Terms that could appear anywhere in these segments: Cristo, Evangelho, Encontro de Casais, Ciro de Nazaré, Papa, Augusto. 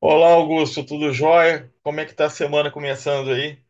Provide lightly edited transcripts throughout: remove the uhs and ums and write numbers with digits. Olá, Augusto, tudo jóia? Como é que tá a semana começando aí?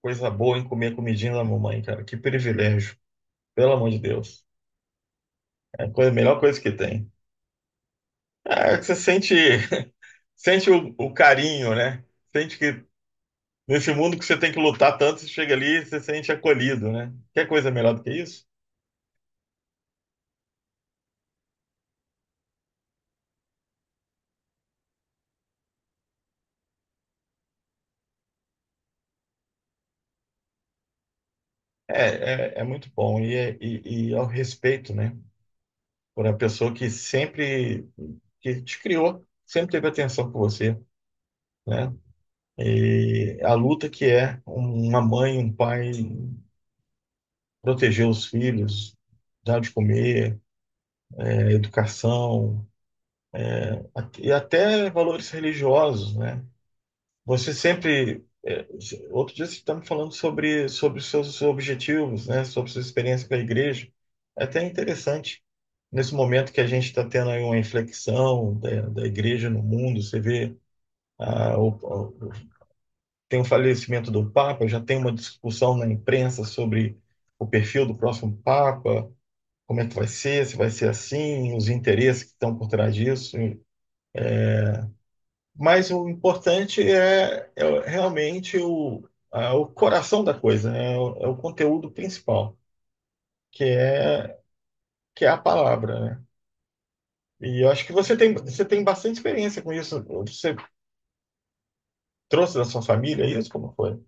Coisa boa em comer a comidinha da mamãe, cara. Que privilégio, pelo amor de Deus. A melhor coisa que tem. Você sente o carinho, né? Sente que nesse mundo que você tem que lutar tanto, você chega ali e você sente acolhido, né? Quer coisa melhor do que isso? É muito bom. E é o respeito, né? Por a pessoa que sempre que te criou, sempre teve atenção por você, né? E a luta que é uma mãe, um pai proteger os filhos, dar de comer, educação e até valores religiosos, né? Você sempre é, outro dia você estava me falando sobre os seus objetivos, né? Sobre sua experiência com a igreja. É até interessante nesse momento que a gente está tendo aí uma inflexão da igreja no mundo. Você vê a, o- tem o falecimento do Papa, já tem uma discussão na imprensa sobre o perfil do próximo Papa, como é que vai ser, se vai ser assim, os interesses que estão por trás disso. Mas o importante é realmente o coração da coisa, né? É o conteúdo principal, que é, que é a palavra, né? E eu acho que você tem bastante experiência com isso. Você trouxe da sua família isso? Como foi?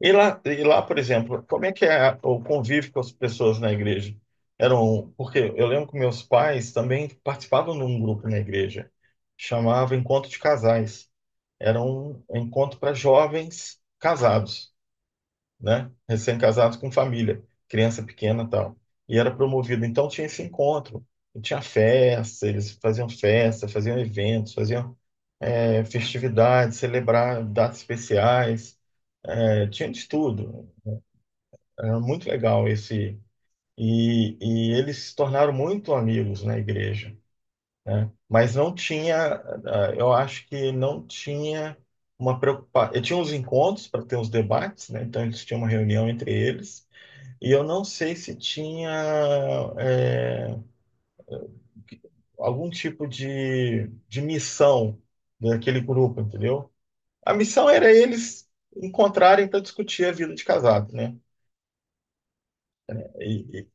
Por exemplo, como é que é o convívio com as pessoas na igreja? Eram, porque eu lembro que meus pais também participavam de um grupo na igreja, chamava Encontro de Casais. Era um encontro para jovens casados, né? Recém-casados com família, criança pequena e tal. E era promovido, então tinha esse encontro. E tinha festa, eles faziam festa, faziam eventos, faziam festividades, celebrar datas especiais. É, tinha de tudo. É muito legal esse. E eles se tornaram muito amigos na igreja, né? Mas não tinha, ah, eu acho que não tinha uma preocupação. Eu tinha uns encontros para ter uns debates, né? Então eles tinham uma reunião entre eles. E eu não sei se tinha é, algum tipo de missão daquele grupo, entendeu? A missão era eles encontrarem para discutir a vida de casado, né? E,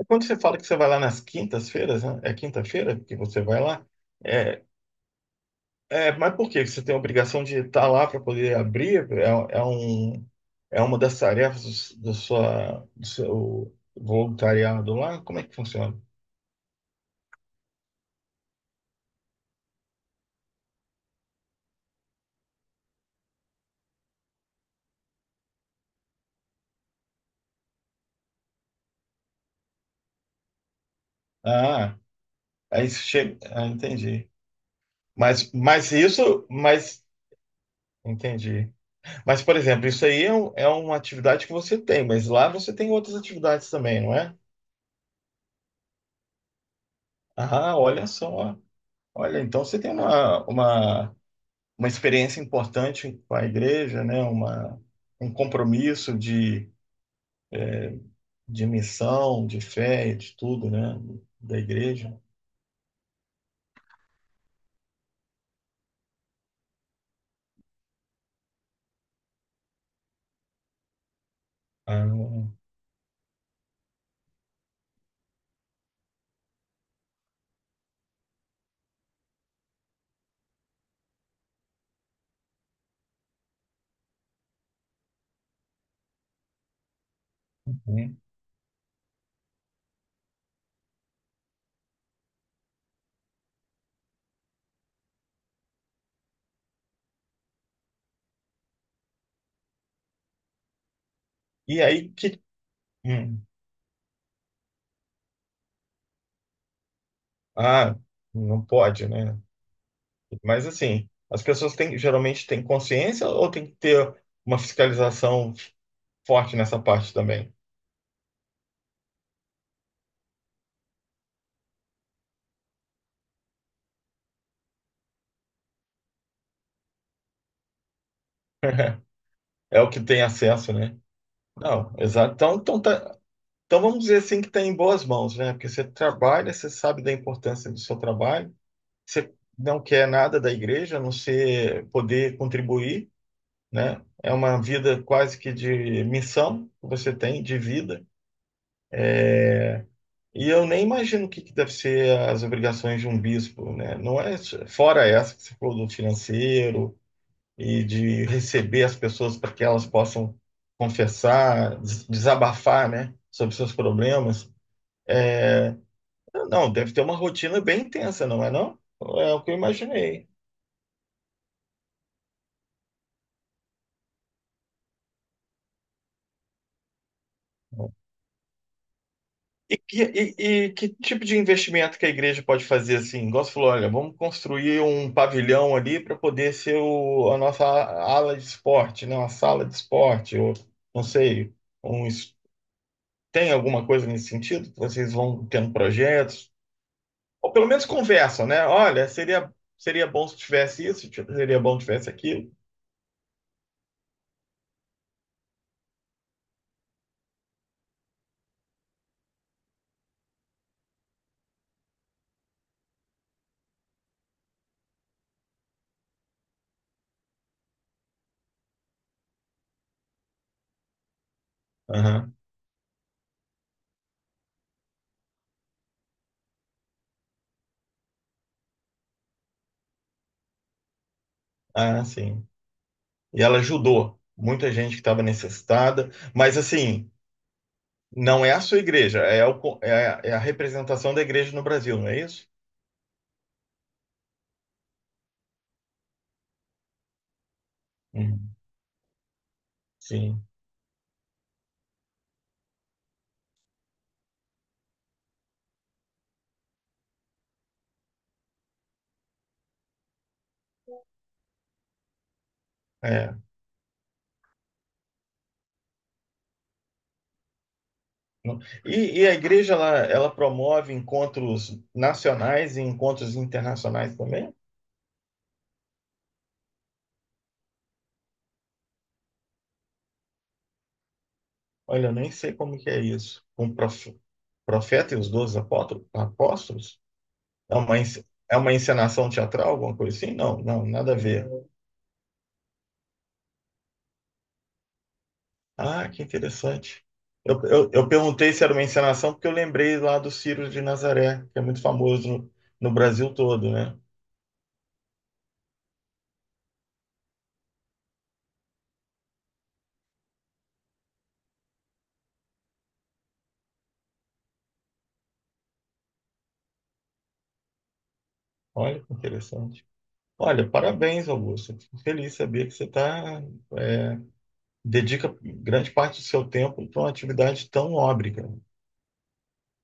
É quando você fala que você vai lá nas quintas-feiras, né? É quinta-feira que você vai lá? É, mas por quê? Você tem a obrigação de estar lá para poder abrir? É um, é uma das tarefas do do seu voluntariado lá? Como é que funciona? Ah, aí você chega. Ah, entendi. Mas, mas isso, mas. Entendi. Mas, por exemplo, isso aí é uma atividade que você tem, mas lá você tem outras atividades também, não é? Ah, olha só. Olha, então você tem uma experiência importante com a igreja, né? Um compromisso de missão, de fé, e de tudo, né? Da igreja. Ah. E aí que. Hum, Ah, não pode, né? Mas assim, as pessoas têm, geralmente têm consciência ou tem que ter uma fiscalização forte nessa parte também? É o que tem acesso, né? Não, exato. Então vamos dizer assim que está em boas mãos, né? Porque você trabalha, você sabe da importância do seu trabalho, você não quer nada da igreja, a não ser poder contribuir, né? É uma vida quase que de missão que você tem, de vida. E eu nem imagino que deve ser as obrigações de um bispo, né? Não é fora essa que você falou do financeiro e de receber as pessoas para que elas possam desabafar, né, sobre seus problemas. É, Não, deve ter uma rotina bem intensa, não é não? É o que eu imaginei. E que tipo de investimento que a igreja pode fazer assim? Igual você falou, olha, vamos construir um pavilhão ali para poder ser a nossa ala de esporte, né? Uma sala de esporte, ou não sei, um es- tem alguma coisa nesse sentido? Que Vocês vão tendo projetos? Ou pelo menos conversam, né? Olha, seria bom se tivesse isso, tipo, seria bom se tivesse aquilo. Aham. Ah, sim. E ela ajudou muita gente que estava necessitada, mas assim. Não é a sua igreja, é a representação da igreja no Brasil, não é isso? Uhum. Sim. É. Não. E a igreja ela promove encontros nacionais e encontros internacionais também? Olha, eu nem sei como que é isso. Profeta e os doze apóstolos? É uma, é uma encenação teatral, alguma coisa assim? Não, não, nada a ver. Ah, que interessante. Eu perguntei se era uma encenação porque eu lembrei lá do Ciro de Nazaré, que é muito famoso no Brasil todo, né? Olha que interessante. Olha, parabéns, Augusto. Fico feliz de saber que é, dedica grande parte do seu tempo para uma atividade tão nobre, cara.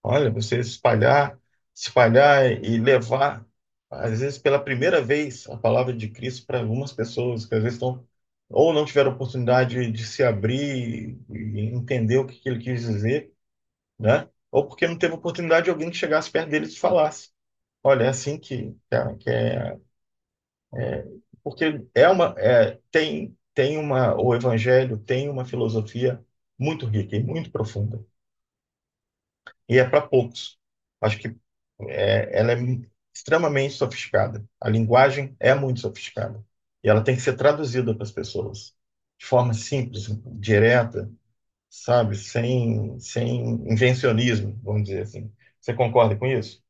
Olha, espalhar e levar, às vezes pela primeira vez, a palavra de Cristo para algumas pessoas que às vezes estão ou não tiveram oportunidade de se abrir e entender o que que ele quis dizer, né? Ou porque não teve oportunidade de alguém que chegasse perto deles e falasse. Olha, é assim que é porque é uma, é, tem, tem uma, o Evangelho tem uma filosofia muito rica e muito profunda, e é para poucos. Acho que ela é extremamente sofisticada. A linguagem é muito sofisticada, e ela tem que ser traduzida para as pessoas de forma simples, direta, sabe, sem invencionismo, vamos dizer assim. Você concorda com isso?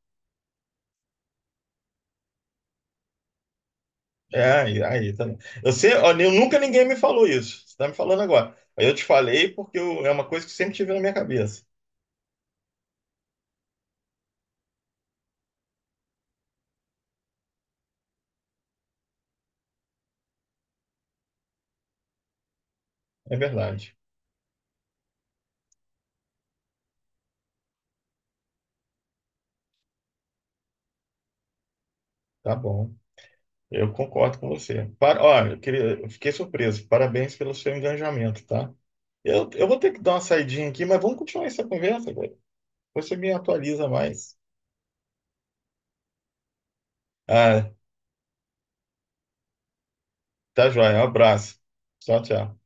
Aí também. Ó, eu nunca ninguém me falou isso. Você está me falando agora. Aí eu te falei é uma coisa que sempre tive na minha cabeça. É verdade. Tá bom. Eu concordo com você. Para, ó, eu fiquei surpreso. Parabéns pelo seu engajamento, tá? Eu vou ter que dar uma saidinha aqui, mas vamos continuar essa conversa, velho. Você me atualiza mais. Ah, tá joia. Um abraço. Tchau, tchau.